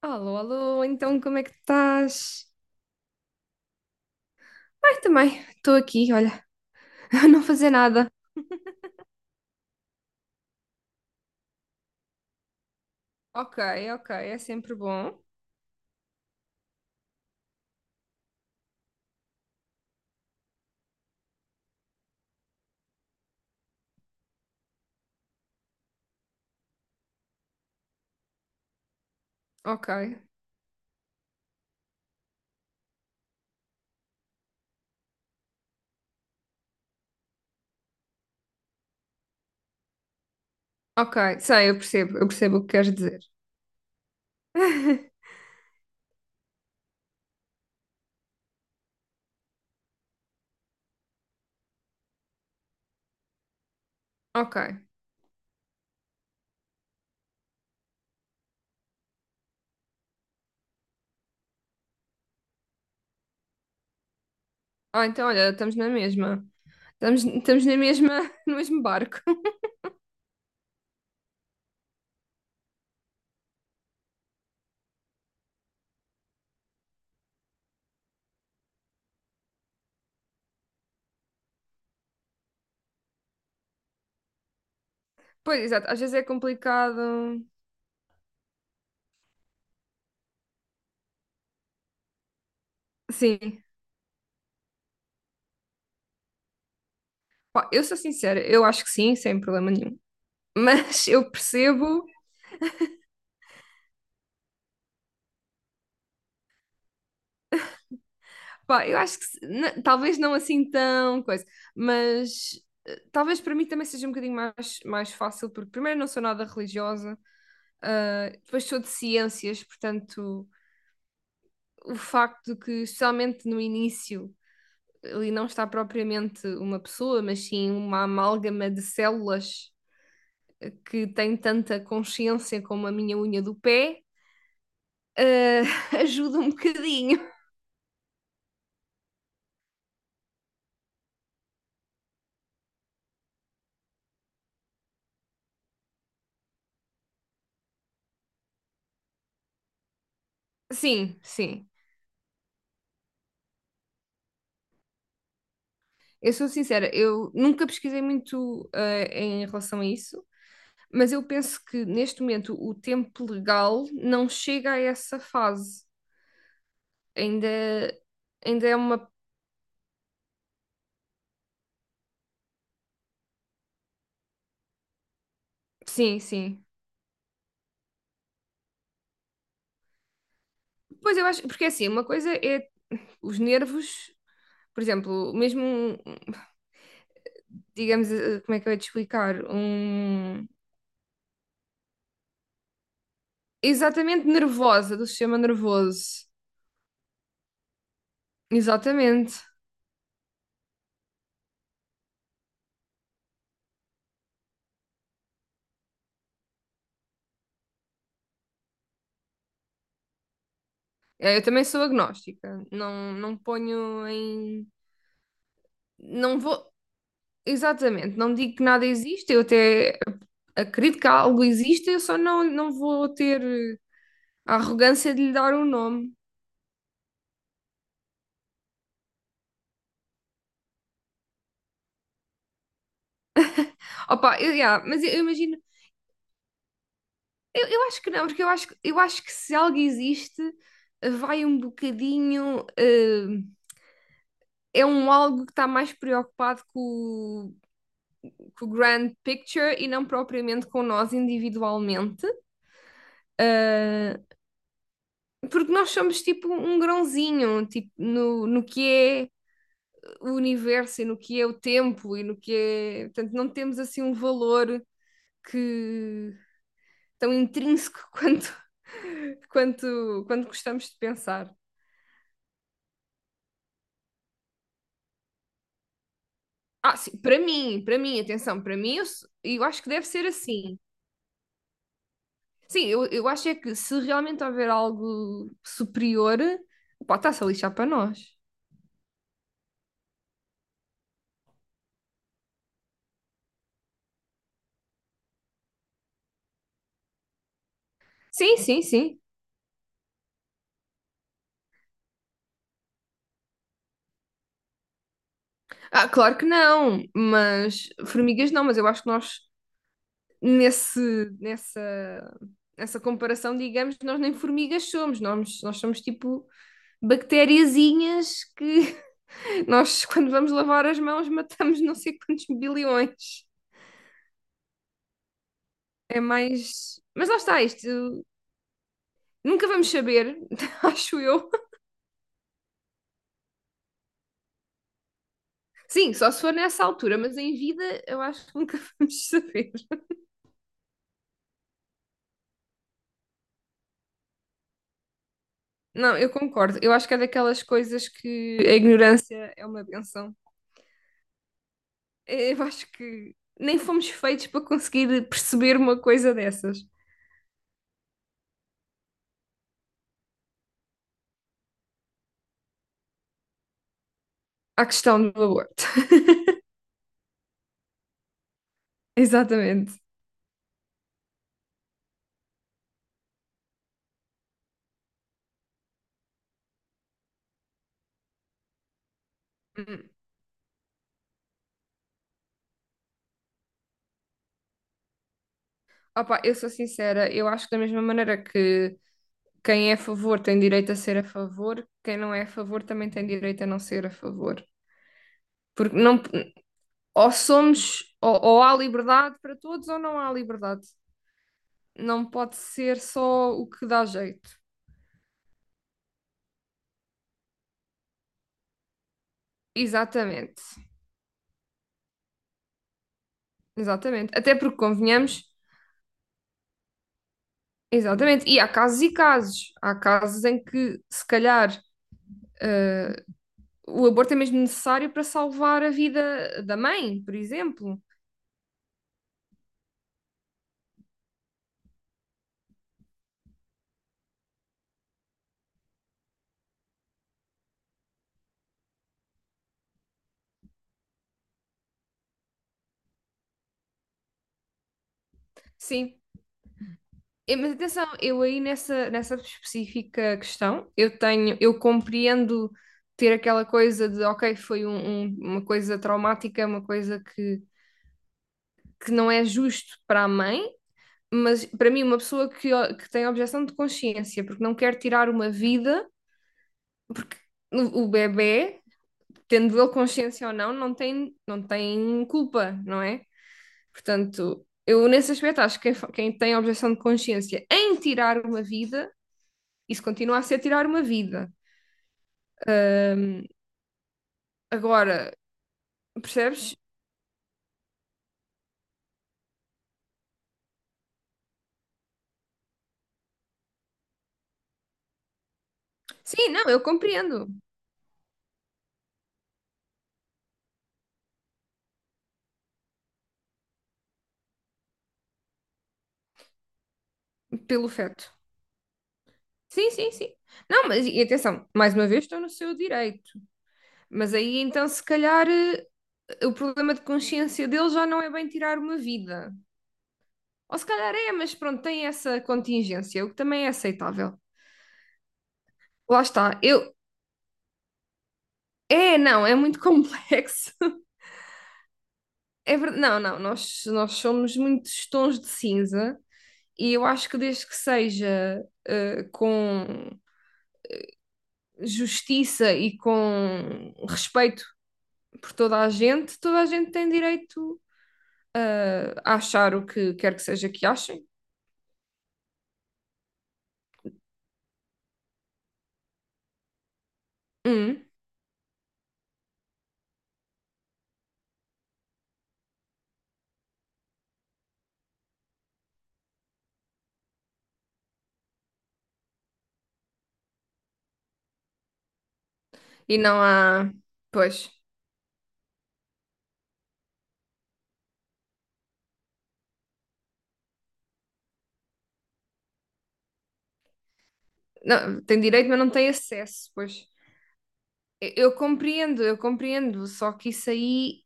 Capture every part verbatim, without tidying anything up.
Alô, alô, então como é que estás? Ai, também, estou aqui, olha, a não fazer nada. Ok, ok, é sempre bom. Ok, ok, sei, eu percebo, eu percebo o que queres dizer. Ok, ah, então olha, estamos na mesma. Estamos, estamos na mesma, no mesmo barco. Pois, exato, às vezes é complicado. Sim, pá, eu sou sincera, eu acho que sim, sem problema nenhum. Mas eu percebo. Pá, eu acho que se- na- talvez não assim tão coisa, mas eh, talvez para mim também seja um bocadinho mais, mais fácil, porque primeiro não sou nada religiosa, ah, depois sou de ciências, portanto, o facto de que, especialmente no início, ali não está propriamente uma pessoa, mas sim uma amálgama de células que tem tanta consciência como a minha unha do pé, ah, ajuda um bocadinho. Sim, sim. Eu sou sincera, eu nunca pesquisei muito eh, em relação a isso, mas eu penso que neste momento o tempo legal não chega a essa fase. Ainda, ainda é uma. Sim, sim. Pois eu acho, porque assim, uma coisa é os nervos, por exemplo, mesmo, um- digamos, eh, como é que eu ia te explicar? Um, exatamente nervosa, do sistema nervoso. Exatamente. Eh, Eu também sou agnóstica, não, não ponho em. Não vou, exatamente, não digo que nada existe, eu até acredito que algo existe, eu só não, não vou ter eh, a arrogância de lhe dar um nome. Opa, eu, yeah, mas eu, eu imagino, eu, eu acho que não, porque eu acho, que- eu acho que se algo existe, eh, vai um bocadinho. Eh, é um algo que está mais preocupado com, o- com o grand picture e não propriamente com nós individualmente. Eh, Porque nós somos tipo um grãozinho, tipo, no, no que é o universo e no que é o tempo e no que é. Portanto, não temos assim um valor que tão intrínseco quanto, quanto, quanto gostamos de pensar. Ah, sim, para mim, para mim, atenção, para mim, eu, eu acho que deve ser assim. Sim, eu, eu acho é que se realmente houver algo superior, pá, está-se a lixar para nós. Sim, sim, sim. Ah, claro que não, mas formigas não, mas eu acho que nós nesse, nessa, nessa comparação, digamos, nós nem formigas somos, nós, nós somos tipo bactériazinhas que nós, quando vamos lavar as mãos, matamos não sei quantos bilhões. É mais. Mas lá está, isto nunca vamos saber, acho eu. Sim, só se for nessa altura, mas em vida eu acho que nunca vamos saber. Não, eu concordo. Eu acho que é daquelas coisas que a ignorância é uma benção. Eu acho que nem fomos feitos para conseguir perceber uma coisa dessas. A questão do aborto. Exatamente. Hum. Opa, eu sou sincera, eu acho que da mesma maneira que quem é a favor tem direito a ser a favor, quem não é a favor também tem direito a não ser a favor. Porque não, ou somos, ou, ou há liberdade para todos ou não há liberdade. Não pode ser só o que dá jeito. Exatamente. Exatamente. Até porque, convenhamos, exatamente, e há casos e casos. Há casos em que, se calhar, eh, o aborto é mesmo necessário para salvar a vida da mãe, por exemplo. Sim, Eh, mas atenção, eu aí nessa, nessa específica questão, eu tenho, eu compreendo ter aquela coisa de, ok, foi um- um- uma coisa traumática, uma coisa que, que não é justo para a mãe, mas para mim, uma pessoa que, o- que tem objeção de consciência porque não quer tirar uma vida, porque o o bebé tendo ele consciência ou não, não tem, não tem culpa, não é? Portanto, eu nesse aspecto acho que quem, quem tem objeção de consciência em tirar uma vida, isso continua a ser tirar uma vida. Hum, agora, percebes? Sim, não, eu compreendo pelo feto. Sim, sim, sim. Não, mas e atenção, mais uma vez estou no seu direito. Mas aí então, se calhar, eh, o problema de consciência dele já não é bem tirar uma vida. Ou se calhar é, mas pronto, tem essa contingência, o que também é aceitável. Lá está. Eu... É, não, é muito complexo. É verdade. Não, não, nós, nós somos muitos tons de cinza e eu acho que desde que seja eh, com justiça e com respeito por toda a gente, toda a gente tem direito eh, a achar o que quer que seja que achem. Hum. E não há. Pois. Não, tem direito, mas não tem acesso, pois. Eu eu compreendo, eu compreendo, só que isso aí,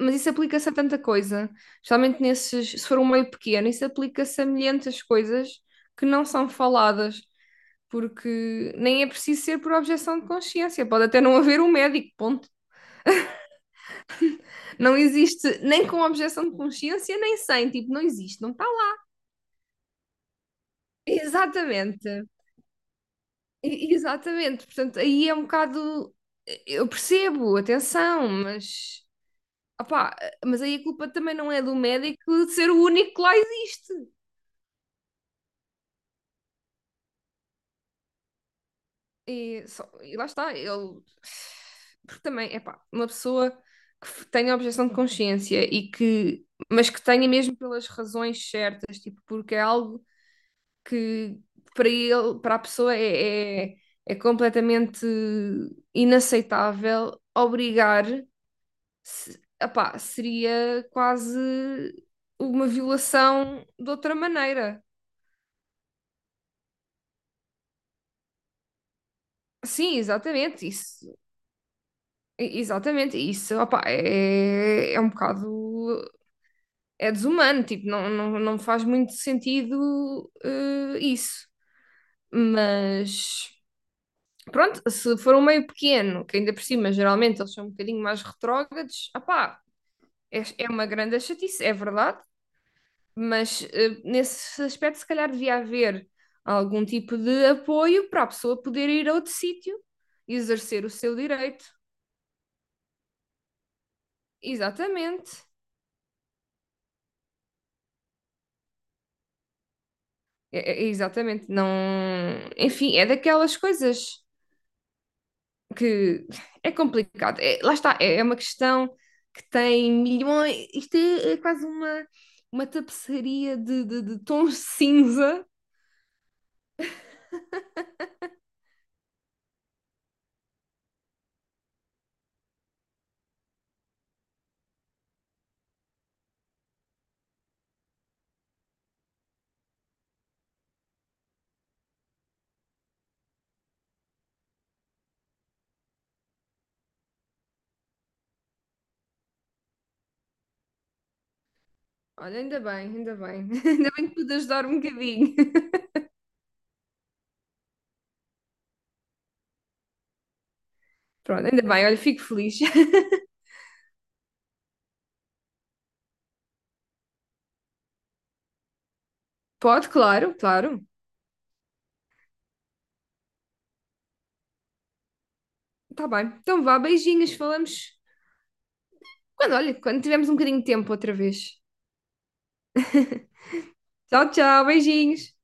mas isso aplica-se a tanta coisa, especialmente nesses, se for um meio pequeno, isso aplica-se a milhentas coisas que não são faladas, porque nem é preciso ser por objeção de consciência, pode até não haver um médico, ponto. Não existe nem com objeção de consciência, nem sem, tipo, não existe, não está lá. Exatamente, e- exatamente, portanto, aí é um bocado, eu percebo, atenção, mas. Opá, mas aí a culpa também não é do médico de ser o único que lá existe. E, só- e lá está, ele. Porque também, é pá, uma pessoa que f- tenha objeção de consciência e que. Mas que tenha mesmo pelas razões certas, tipo, porque é algo que para ele, para a pessoa é, é, é completamente inaceitável obrigar. Se, epá, seria quase uma violação de outra maneira. Sim, exatamente, isso. E- Exatamente, isso, opá, é, é um bocado, é desumano, tipo, não, não, não faz muito sentido eh, isso, mas pronto, se for um meio pequeno, que ainda por cima geralmente eles são um bocadinho mais retrógrados, opá, é, é uma grande chatice, é verdade, mas eh, nesse aspecto se calhar devia haver algum tipo de apoio para a pessoa poder ir a outro sítio e exercer o seu direito, exatamente. É- é- exatamente, não. Enfim, é daquelas coisas que é complicado. É- lá está, é, é uma questão que tem milhões. Isto é, é quase uma, uma tapeçaria de, de, de tons cinza. Olha, ainda bem, ainda bem. Ainda bem que pude ajudar um bocadinho. Pronto, ainda bem, olha, fico feliz. Pode, claro, claro. Tá bem. Então vá, beijinhos, falamos. Quando, olha, quando tivermos um bocadinho de tempo outra vez. Tchau, tchau, beijinhos.